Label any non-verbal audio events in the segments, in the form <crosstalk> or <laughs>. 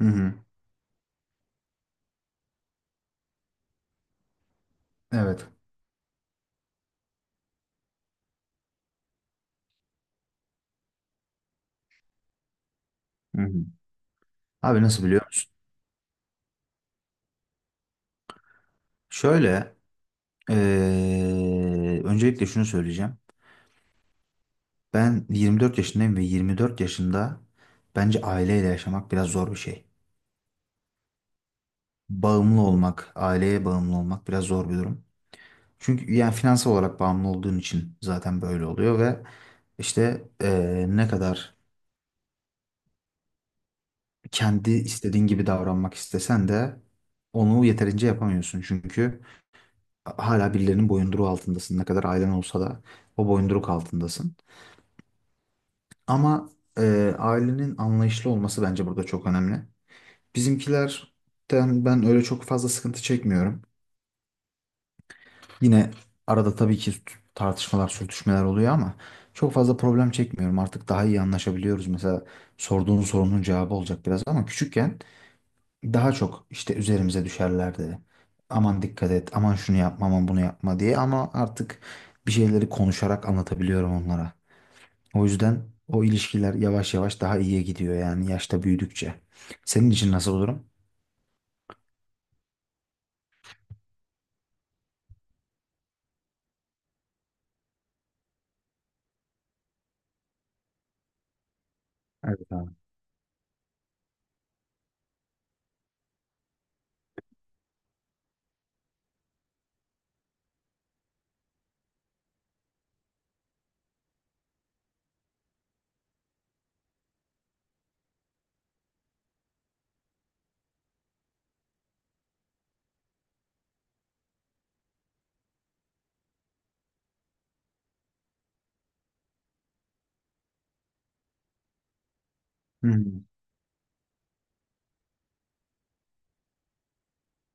Hı hı. Evet. Hı hı. Abi nasıl biliyor musun? Şöyle, öncelikle şunu söyleyeceğim. Ben 24 yaşındayım ve 24 yaşında bence aileyle yaşamak biraz zor bir şey. Bağımlı olmak, aileye bağımlı olmak biraz zor bir durum. Çünkü yani finansal olarak bağımlı olduğun için zaten böyle oluyor ve işte ne kadar kendi istediğin gibi davranmak istesen de onu yeterince yapamıyorsun. Çünkü hala birilerinin boyunduruğu altındasın. Ne kadar ailen olsa da o boyunduruk altındasın. Ama ailenin anlayışlı olması bence burada çok önemli. Bizimkilerden ben öyle çok fazla sıkıntı çekmiyorum. Yine arada tabii ki tartışmalar, sürtüşmeler oluyor ama çok fazla problem çekmiyorum. Artık daha iyi anlaşabiliyoruz. Mesela sorduğun sorunun cevabı olacak biraz ama küçükken daha çok işte üzerimize düşerlerdi. Aman dikkat et, aman şunu yapma, aman bunu yapma diye ama artık bir şeyleri konuşarak anlatabiliyorum onlara. O yüzden o ilişkiler yavaş yavaş daha iyiye gidiyor yani yaşta büyüdükçe. Senin için nasıl olurum? Evet abi. Hı hı.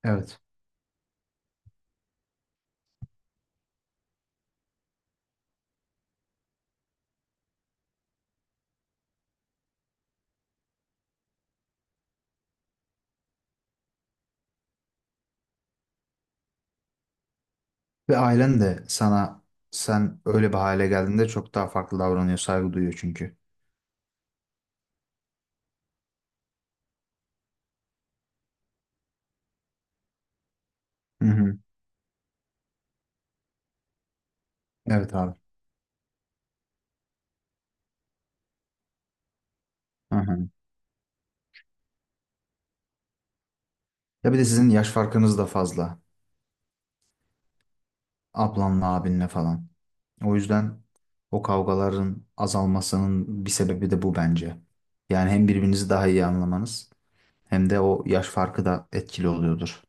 Evet. Ve ailen de sana sen öyle bir hale geldiğinde çok daha farklı davranıyor, saygı duyuyor çünkü. Hı hı. Evet abi. Hı hı. Ya bir de sizin yaş farkınız da fazla. Ablanla abinle falan. O yüzden o kavgaların azalmasının bir sebebi de bu bence. Yani hem birbirinizi daha iyi anlamanız hem de o yaş farkı da etkili oluyordur.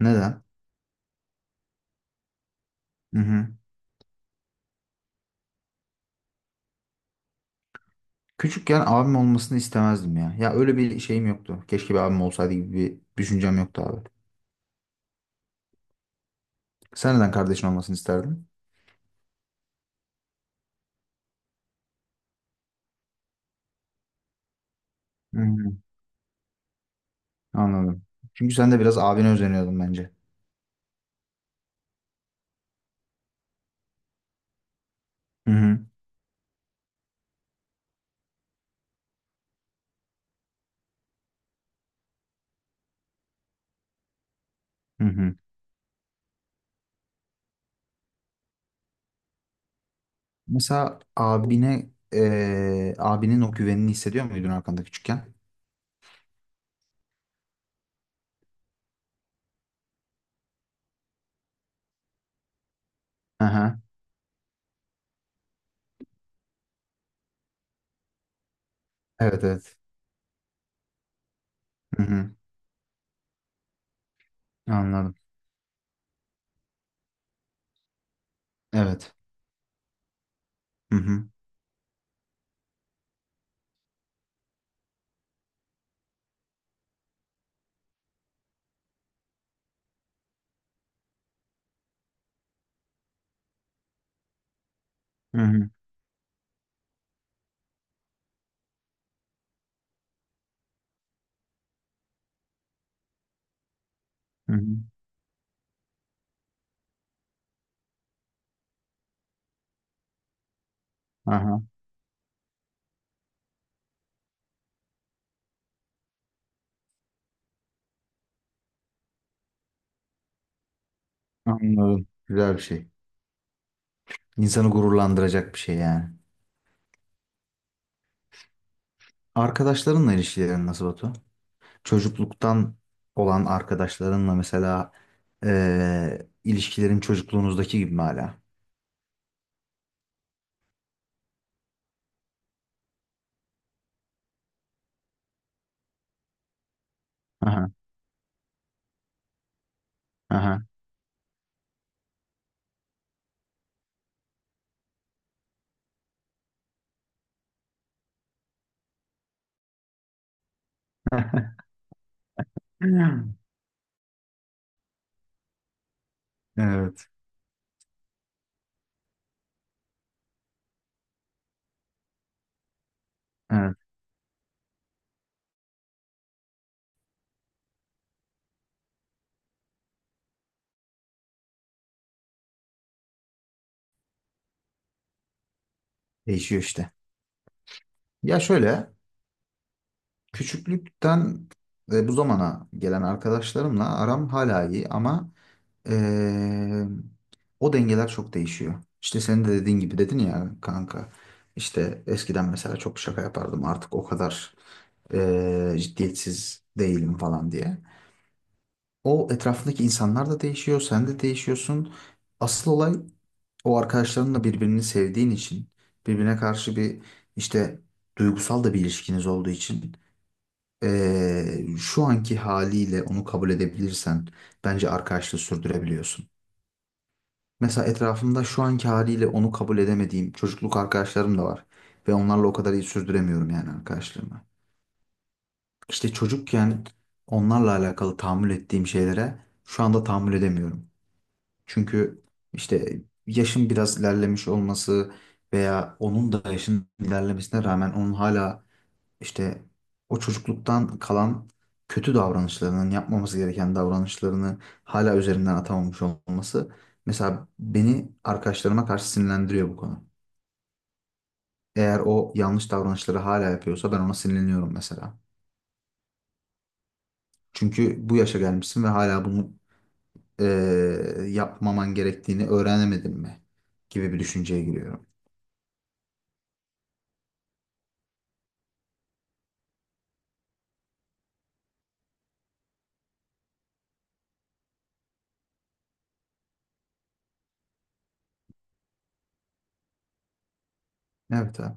Neden? Hı hı. Küçükken abim olmasını istemezdim ya. Ya öyle bir şeyim yoktu. Keşke bir abim olsaydı gibi bir düşüncem yoktu abi. Sen neden kardeşin olmasını isterdin? Hı hı. Anladım. Çünkü sen de biraz abine özeniyordun bence. Hı hı. Hı hı. Mesela abine, abinin o güvenini hissediyor muydun arkanda küçükken? Aha. Evet, evet. Hı hı. Anladım. Evet. Hı hı. Hı hı. Hı hı. Aha. Anladım. Güzel bir şey. İnsanı gururlandıracak bir şey yani. Arkadaşlarınla ilişkilerin nasıl Batu? Çocukluktan olan arkadaşlarınla mesela ilişkilerin çocukluğunuzdaki gibi mi hala? Aha. Aha. <laughs> Evet. Evet. Değişiyor işte. Ya şöyle, küçüklükten ve bu zamana gelen arkadaşlarımla aram hala iyi ama eee, o dengeler çok değişiyor. İşte senin de dediğin gibi dedin ya kanka. İşte eskiden mesela çok şaka yapardım artık o kadar ciddiyetsiz değilim falan diye. O etrafındaki insanlar da değişiyor, sen de değişiyorsun. Asıl olay o arkadaşların da birbirini sevdiğin için, birbirine karşı bir işte duygusal da bir ilişkiniz olduğu için. Şu anki haliyle onu kabul edebilirsen bence arkadaşlığı sürdürebiliyorsun. Mesela etrafımda şu anki haliyle onu kabul edemediğim çocukluk arkadaşlarım da var. Ve onlarla o kadar iyi sürdüremiyorum yani arkadaşlığımı. İşte çocukken onlarla alakalı tahammül ettiğim şeylere şu anda tahammül edemiyorum. Çünkü işte yaşım biraz ilerlemiş olması veya onun da yaşın ilerlemesine rağmen onun hala, İşte o çocukluktan kalan kötü davranışlarının yapmaması gereken davranışlarını hala üzerinden atamamış olması mesela beni arkadaşlarıma karşı sinirlendiriyor bu konu. Eğer o yanlış davranışları hala yapıyorsa ben ona sinirleniyorum mesela. Çünkü bu yaşa gelmişsin ve hala bunu yapmaman gerektiğini öğrenemedin mi gibi bir düşünceye giriyorum. Evet abi.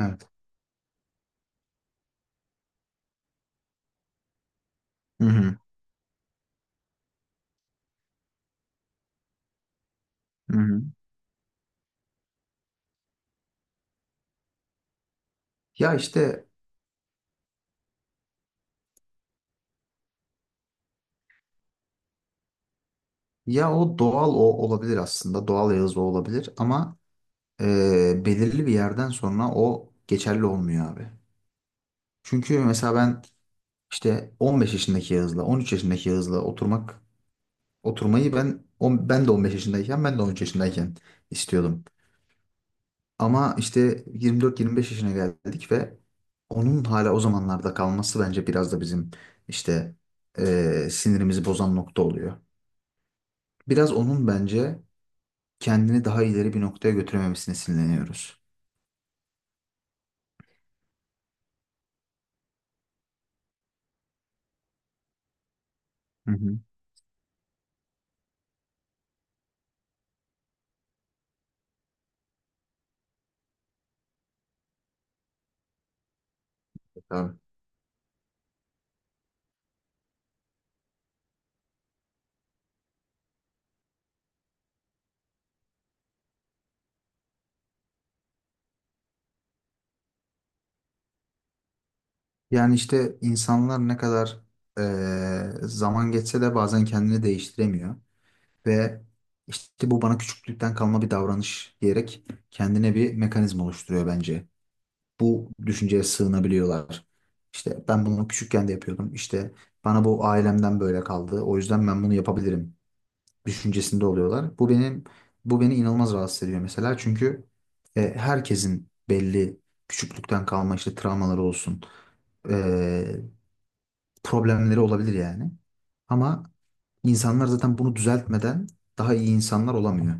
Evet. Hı hı. Hı hı. Ya işte, o doğal o olabilir aslında. Doğal Yağız o olabilir ama belirli bir yerden sonra o geçerli olmuyor abi. Çünkü mesela ben işte 15 yaşındaki Yağız'la 13 yaşındaki Yağız'la oturmayı ben de 15 yaşındayken ben de 13 yaşındayken istiyordum. Ama işte 24-25 yaşına geldik ve onun hala o zamanlarda kalması bence biraz da bizim işte sinirimizi bozan nokta oluyor. Biraz onun bence kendini daha ileri bir noktaya götürememesine sinirleniyoruz. Hı hı. Yani işte insanlar ne kadar zaman geçse de bazen kendini değiştiremiyor ve işte bu bana küçüklükten kalma bir davranış diyerek kendine bir mekanizma oluşturuyor bence. Bu düşünceye sığınabiliyorlar. İşte ben bunu küçükken de yapıyordum. İşte bana bu ailemden böyle kaldı. O yüzden ben bunu yapabilirim düşüncesinde oluyorlar. Bu beni inanılmaz rahatsız ediyor mesela. Çünkü herkesin belli küçüklükten kalma işte travmaları olsun problemleri olabilir yani. Ama insanlar zaten bunu düzeltmeden daha iyi insanlar olamıyor.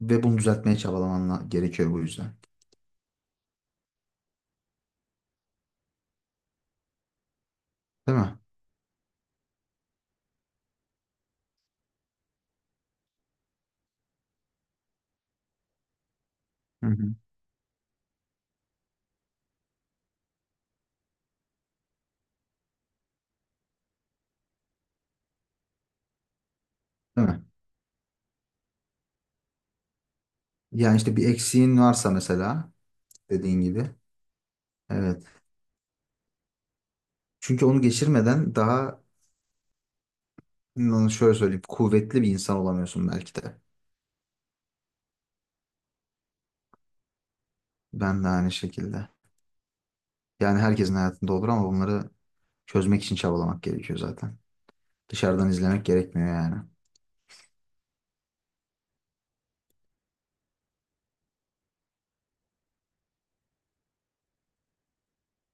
Ve bunu düzeltmeye gerekiyor bu yüzden. Değil mi? Hı hı. Değil mi? Yani işte bir eksiğin varsa mesela dediğin gibi. Evet. Çünkü onu geçirmeden daha şöyle söyleyeyim kuvvetli bir insan olamıyorsun belki de. Ben de aynı şekilde. Yani herkesin hayatında olur ama bunları çözmek için çabalamak gerekiyor zaten. Dışarıdan izlemek gerekmiyor yani.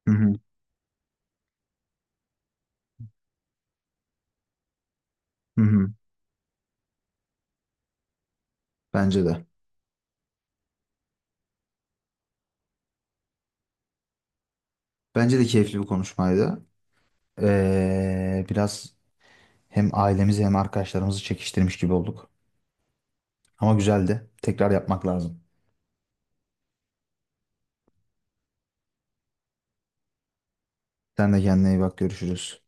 Hı hı. Hı hı. Bence de. Bence de keyifli bir konuşmaydı. Biraz hem ailemizi hem arkadaşlarımızı çekiştirmiş gibi olduk. Ama güzeldi. Tekrar yapmak lazım. Sen de kendine iyi bak. Görüşürüz.